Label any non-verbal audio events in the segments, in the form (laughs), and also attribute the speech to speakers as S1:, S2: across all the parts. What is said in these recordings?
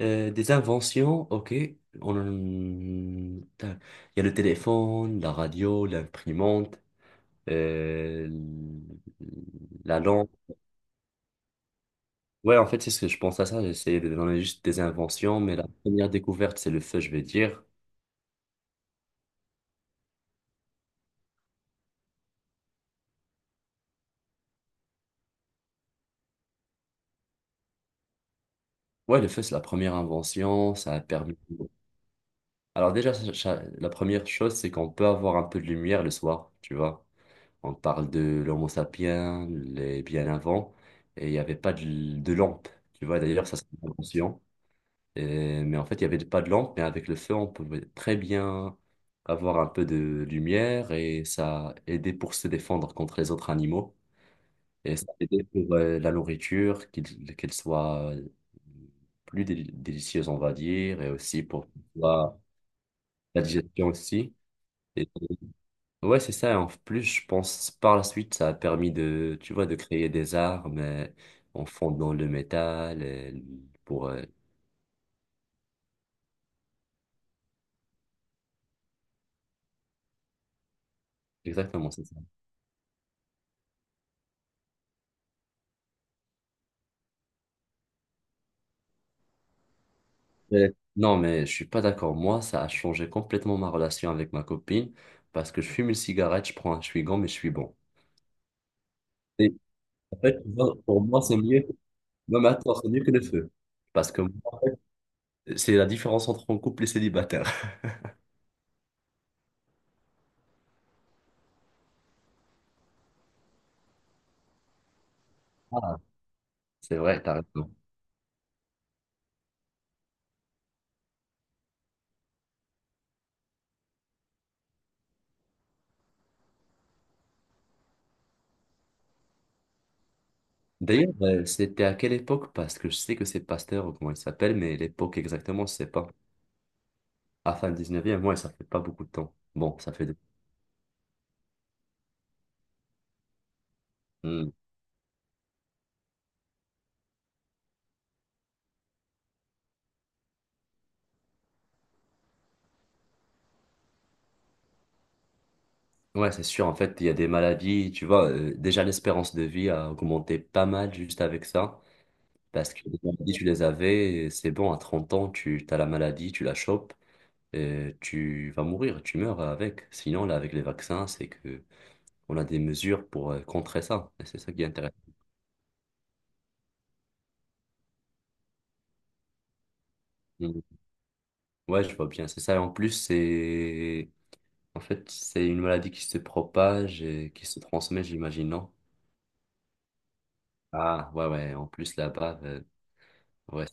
S1: Des inventions, ok. On... Putain, il y a le téléphone, la radio, l'imprimante, euh, la lampe. Ouais, en fait, c'est ce que je pense à ça. J'essayais de donner juste des inventions, mais la première découverte, c'est le feu, je vais dire. Ouais, le feu, c'est la première invention. Ça a permis. Alors, déjà, la première chose, c'est qu'on peut avoir un peu de lumière le soir, tu vois. On parle de l'Homo sapiens, les bien avant, et il n'y avait pas de, de lampe. Tu vois, d'ailleurs, ça, c'est une invention. Et- mais en fait, il n'y avait pas de lampe, mais avec le feu, on pouvait très bien avoir un peu de lumière et ça aidait pour se défendre contre les autres animaux. Et ça aidait pour la nourriture, qu'elle soit plus délicieuse, on va dire, et aussi pour la, la digestion aussi. Et ouais, c'est ça. En plus, je pense par la suite, ça a permis de, tu vois, de créer des armes en fondant le métal pour. Exactement, c'est ça. Euh, Non, mais je suis pas d'accord. Moi, ça a changé complètement ma relation avec ma copine parce que je fume une cigarette, je prends un chewing-gum et je suis bon. Et en fait, tu vois, pour moi, c'est mieux. Non, mais attends, c'est mieux que le feu. Parce que moi, c'est la différence entre un couple et célibataire. (laughs) Ah, c'est vrai, t'as raison. D'ailleurs, c'était à quelle époque? Parce que je sais que c'est Pasteur ou comment il s'appelle, mais l'époque exactement, je sais pas. À fin 19e, moi, ça fait pas beaucoup de temps. Bon, ça fait. Ouais, c'est sûr. En fait, il y a des maladies, tu vois. Déjà, l'espérance de vie a augmenté pas mal juste avec ça. Parce que les maladies, tu les avais, et c'est bon, à 30 ans, tu as la maladie, tu la chopes, et tu vas mourir, tu meurs avec. Sinon, là, avec les vaccins, c'est que on a des mesures pour contrer ça. Et c'est ça qui est intéressant. Mhm. Ouais, je vois bien. C'est ça. Et en plus, c'est. En fait, c'est une maladie qui se propage et qui se transmet, j'imagine, non? Ah, ouais, ouais. En plus, là-bas, ouais.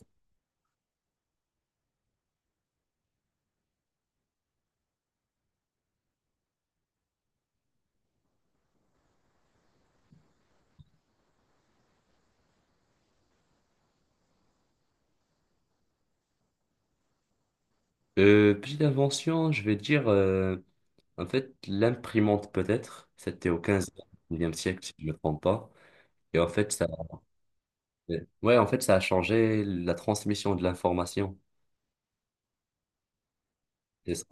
S1: Petite invention, je vais dire, en fait, l'imprimante peut-être, c'était au quinzième e 19e siècle, si je ne me trompe pas. Et en fait, ça, ouais, en fait, ça a changé la transmission de l'information. C'est ça.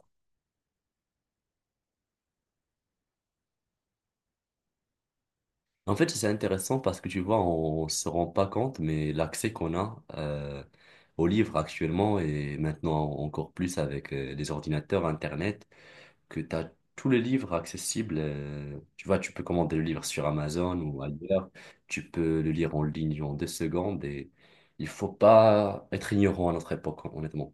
S1: En fait, c'est intéressant parce que tu vois, on ne se rend pas compte, mais l'accès qu'on a aux livres actuellement et maintenant encore plus avec les ordinateurs, Internet, que tu as tous les livres accessibles. Tu vois, tu peux commander le livre sur Amazon ou ailleurs. Tu peux le lire en ligne en 2 secondes et il faut pas être ignorant à notre époque, hein, honnêtement.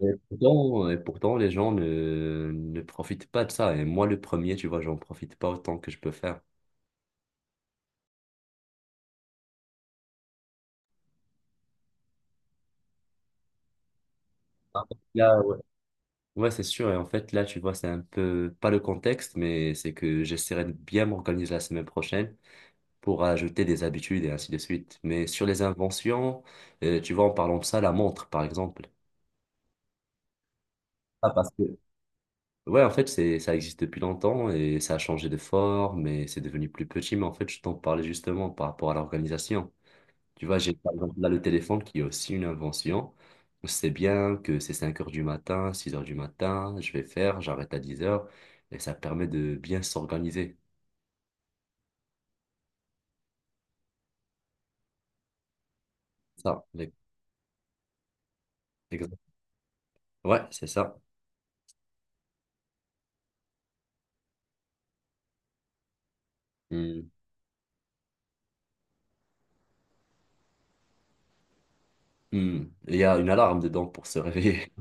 S1: Et pourtant, les gens ne profitent pas de ça. Et moi, le premier, tu vois, j'en profite pas autant que je peux faire. Ah, là, ouais, ouais, c'est sûr. Et en fait, là, tu vois, c'est un peu pas le contexte, mais c'est que j'essaierai de bien m'organiser la semaine prochaine pour ajouter des habitudes et ainsi de suite. Mais sur les inventions, tu vois, en parlant de ça, la montre, par exemple. Ah, parce que... Ouais, en fait, c'est, ça existe depuis longtemps et ça a changé de forme et c'est devenu plus petit. Mais en fait, je t'en parlais justement par rapport à l'organisation. Tu vois, j'ai par exemple là le téléphone qui est aussi une invention. Je sais bien que c'est 5 heures du matin, 6 heures du matin, je vais faire, j'arrête à 10 heures et ça permet de bien s'organiser. Ça, ex- exa- ouais, c'est ça. Hmm. Hmm. Il y a une alarme dedans pour se (laughs) réveiller.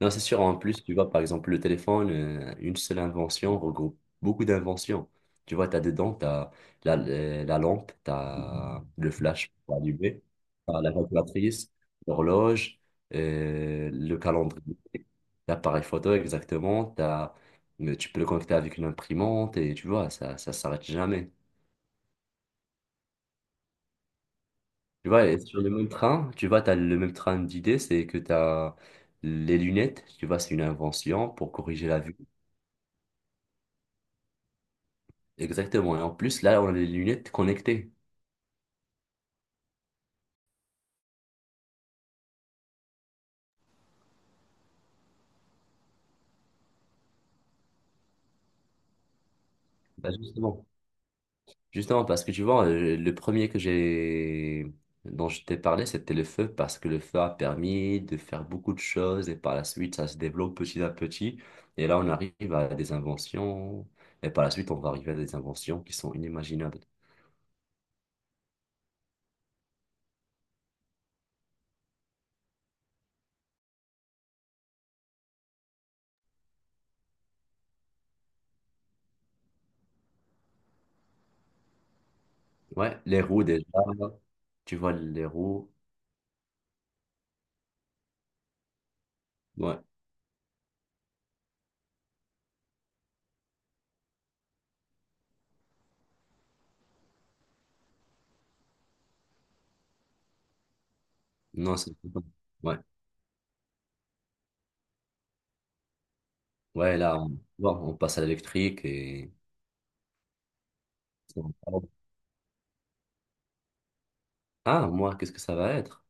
S1: Non, c'est sûr. En plus, tu vois, par exemple, le téléphone, une seule invention regroupe beaucoup d'inventions. Tu vois, tu as dedans, tu as la, la lampe, tu as le flash pour allumer, t'as la calculatrice, l'horloge, le calendrier, l'appareil photo, exactement. T'as- mais tu peux le connecter avec une imprimante et tu vois, ça s'arrête jamais. Tu vois, et sur le même train, tu vois, tu as le même train d'idées, c'est que tu as les lunettes, tu vois, c'est une invention pour corriger la vue. Exactement. Et en plus, là, on a des lunettes connectées. Bah, justement. Justement, parce que tu vois, le premier que j'ai dont je t'ai parlé, c'était le feu, parce que le feu a permis de faire beaucoup de choses et par la suite, ça se développe petit à petit. Et là, on arrive à des inventions. Et par la suite, on va arriver à des inventions qui sont inimaginables. Ouais, les roues déjà. Tu vois, les roues. Ouais. Non, c'est... Ouais. Ouais, là, on, bon, on passe à l'électrique et... Ah, moi, qu'est-ce que ça va être?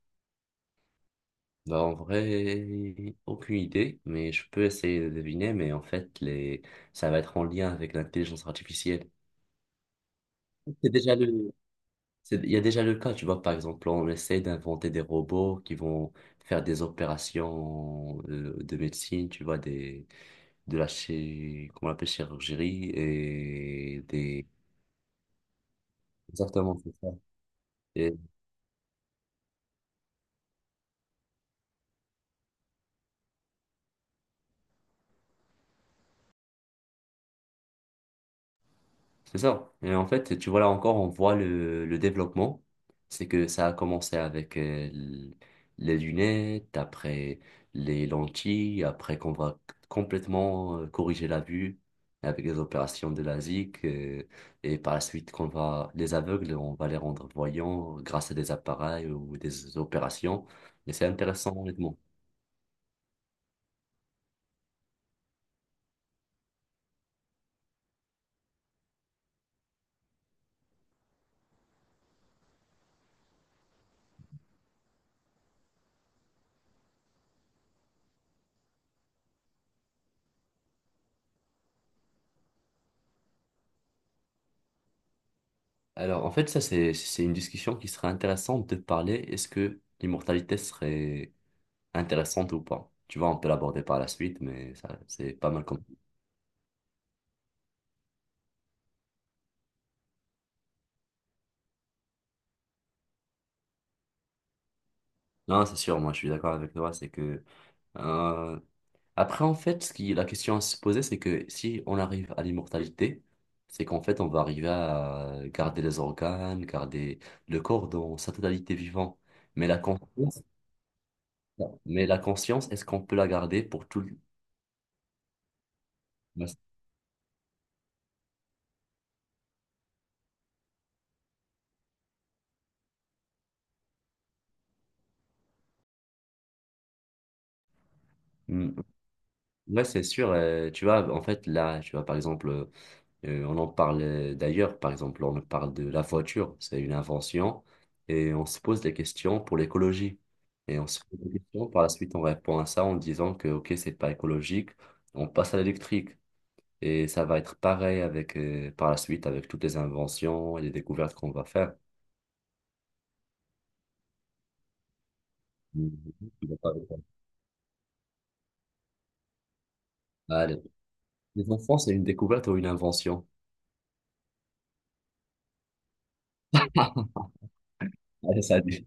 S1: Bah, en vrai, aucune idée, mais je peux essayer de deviner, mais en fait, les... ça va être en lien avec l'intelligence artificielle. C'est déjà le... c'est- il y a déjà le cas, tu vois, par exemple, on essaie d'inventer des robots qui vont faire des opérations de médecine, tu vois, des... de la comment on appelle, chirurgie et des... Exactement, c'est ça. C'est ça. Et en fait, tu vois là encore, on voit le développement. C'est que ça a commencé avec l- les lunettes, après les lentilles, après qu'on va complètement corriger la vue avec les opérations de LASIK. Et par la suite, qu'on va, les aveugles, on va les rendre voyants grâce à des appareils ou des opérations. Et c'est intéressant, honnêtement. Alors, en fait, ça, c'est une discussion qui serait intéressante de parler. Est-ce que l'immortalité serait intéressante ou pas. Tu vois, on peut l'aborder par la suite, mais ça, c'est pas mal comme... Non, c'est sûr, moi, je suis d'accord avec toi, c'est que... euh, Après, en fait, ce qui, la question à se poser, c'est que si on arrive à l'immortalité, c'est qu'en fait, on va arriver à garder les organes, garder le corps dans sa totalité vivant. Mais la conscience, mais la conscience, est-ce qu'on peut la garder pour tout le... Hmm, ouais, c'est sûr. Tu vois, en fait, là, tu vois, par exemple, on en parle d'ailleurs, par exemple, on parle de la voiture, c'est une invention, et on se pose des questions pour l'écologie. Et on se pose des questions, par la suite, on répond à ça en disant que, ok, c'est pas écologique, on passe à l'électrique. Et ça va être pareil avec, par la suite avec toutes les inventions et les découvertes qu'on va faire. Mhm. Je suis d'accord avec toi. Allez. Les enfants, c'est une découverte ou une invention? (laughs) Allez, salut.